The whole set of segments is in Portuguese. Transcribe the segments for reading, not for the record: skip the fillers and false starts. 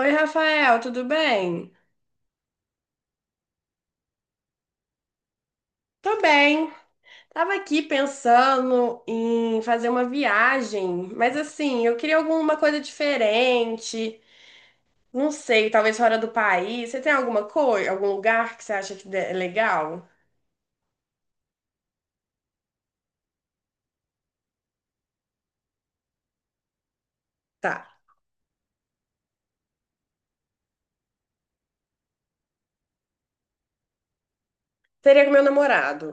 Oi, Rafael, tudo bem? Tô bem. Tava aqui pensando em fazer uma viagem, mas assim, eu queria alguma coisa diferente. Não sei, talvez fora do país. Você tem alguma coisa, algum lugar que você acha que é legal? Tá. Seria com meu namorado.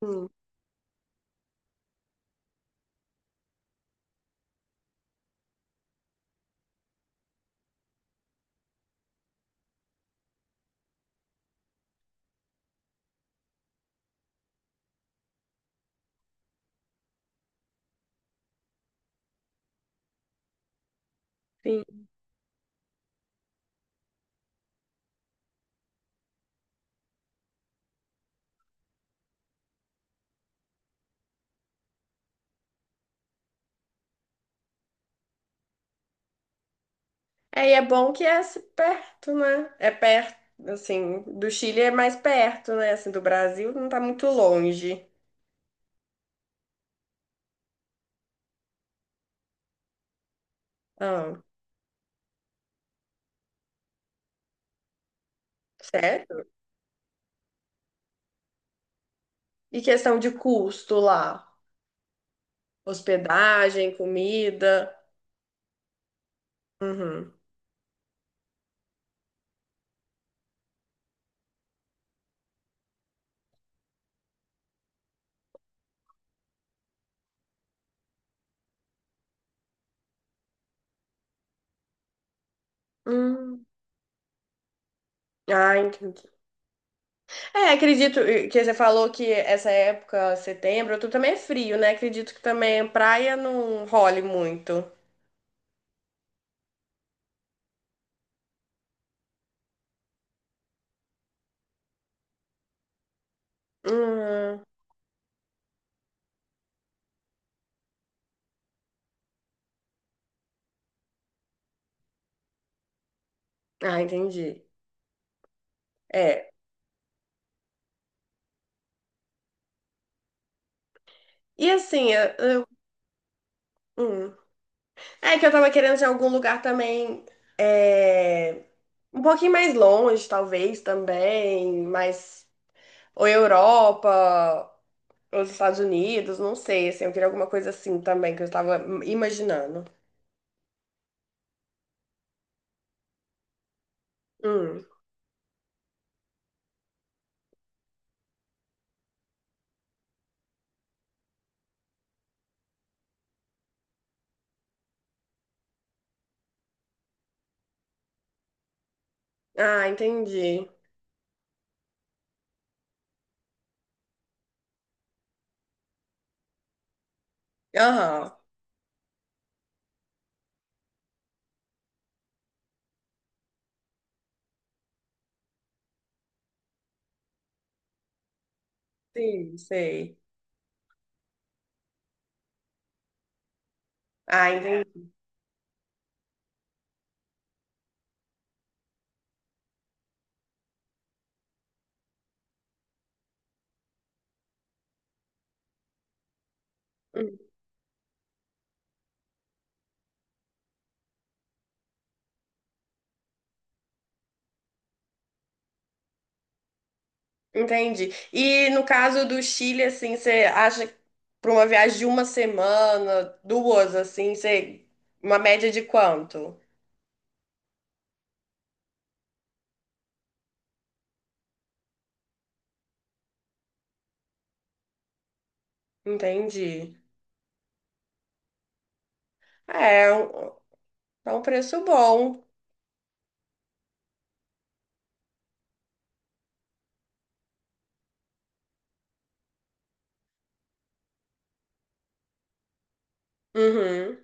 Hum. Sim. É, e é bom que é assim, perto, né? É perto, assim, do Chile é mais perto, né? Assim, do Brasil não tá muito longe. Ah, certo? E questão de custo lá? Hospedagem, comida. Uhum. Hum. Ah, entendi. É, acredito que você falou que essa época, setembro, outubro também é frio, né? Acredito que também praia não role muito. Hum. Ah, entendi. É. E assim, hum. É que eu tava querendo de algum lugar também é, um pouquinho mais longe, talvez, também, mas ou Europa, ou dos Estados Unidos, não sei, assim, eu queria alguma coisa assim também, que eu estava imaginando. Hum. Ah, entendi. Aham, sim, sei. Ah, entendi. Hum. Entendi. E no caso do Chile, assim, você acha para uma viagem de uma semana, duas, assim, você... uma média de quanto? Entendi. É, é um preço bom. Uhum,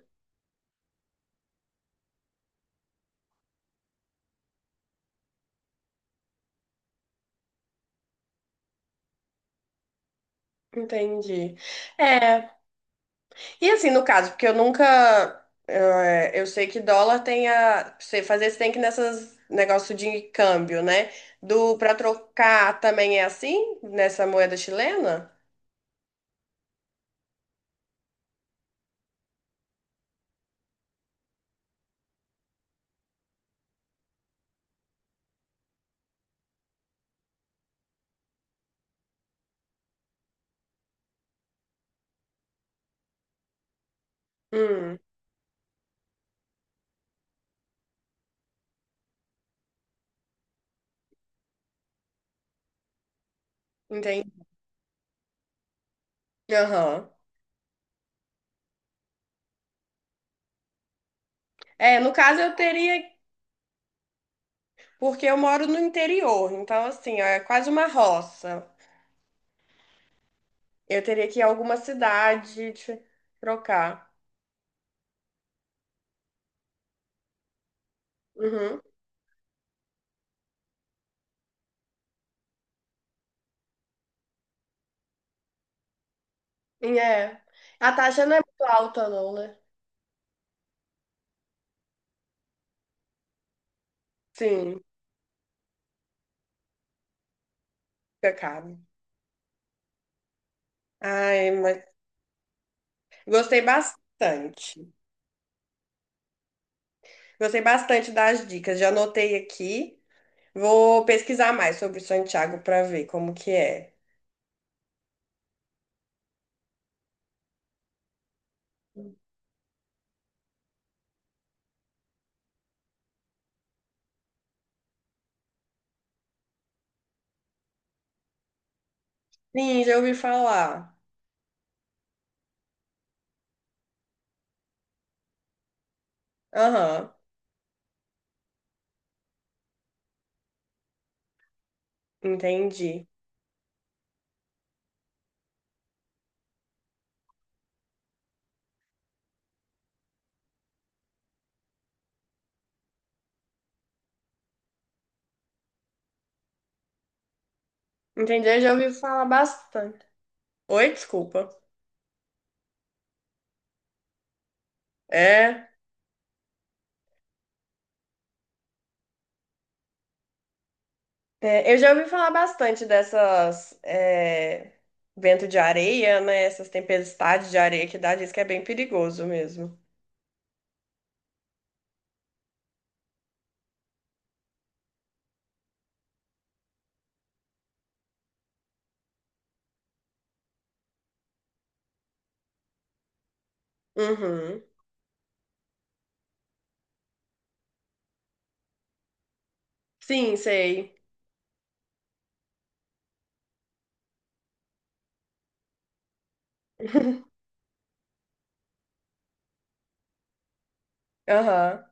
entendi. É. E assim, no caso, porque eu nunca. Eu sei que dólar tem a. Você fazer, você tem que ir nessas negócio de câmbio, né? Do para trocar também é assim? Nessa moeda chilena? Hum, entendi. Aham. É, no caso eu teria. Porque eu moro no interior, então assim, ó, é quase uma roça. Eu teria que ir a alguma cidade de- trocar. Uhum. E É. A taxa não é muito alta, não, né? Sim, pecado. Ai, mas. Gostei bastante. Gostei bastante das dicas. Já anotei aqui. Vou pesquisar mais sobre Santiago para ver como que é. Sim, já ouvi falar. Aham, entendi. Entendi, eu já ouvi falar bastante. Oi, desculpa. É, eu já ouvi falar bastante dessas vento de areia, né? Essas tempestades de areia que dá, diz que é bem perigoso mesmo. Uhum. Sim, sei. Aham.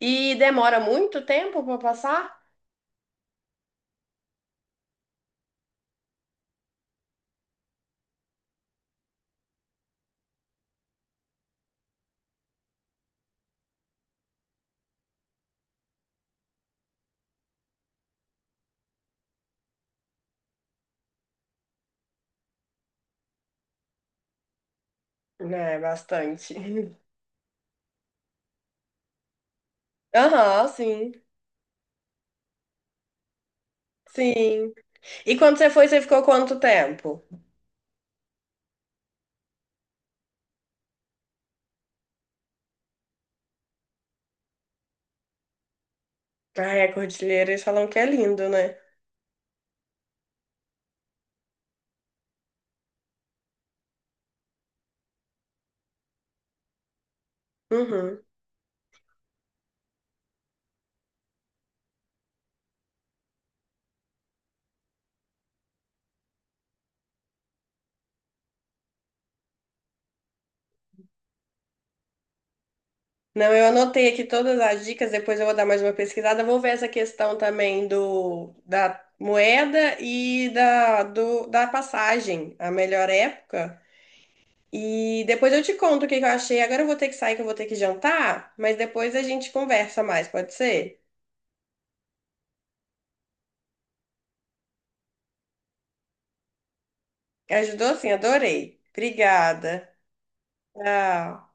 E demora muito tempo pra passar? É, bastante. Aham, sim. Sim. E quando você foi, você ficou quanto tempo? Ah, a cordilheira, eles falam que é lindo, né? Uhum. Não, eu anotei aqui todas as dicas, depois eu vou dar mais uma pesquisada. Vou ver essa questão também do da moeda e da passagem, a melhor época. E depois eu te conto o que que eu achei. Agora eu vou ter que sair, que eu vou ter que jantar, mas depois a gente conversa mais, pode ser? Ajudou sim, adorei. Obrigada. Tchau.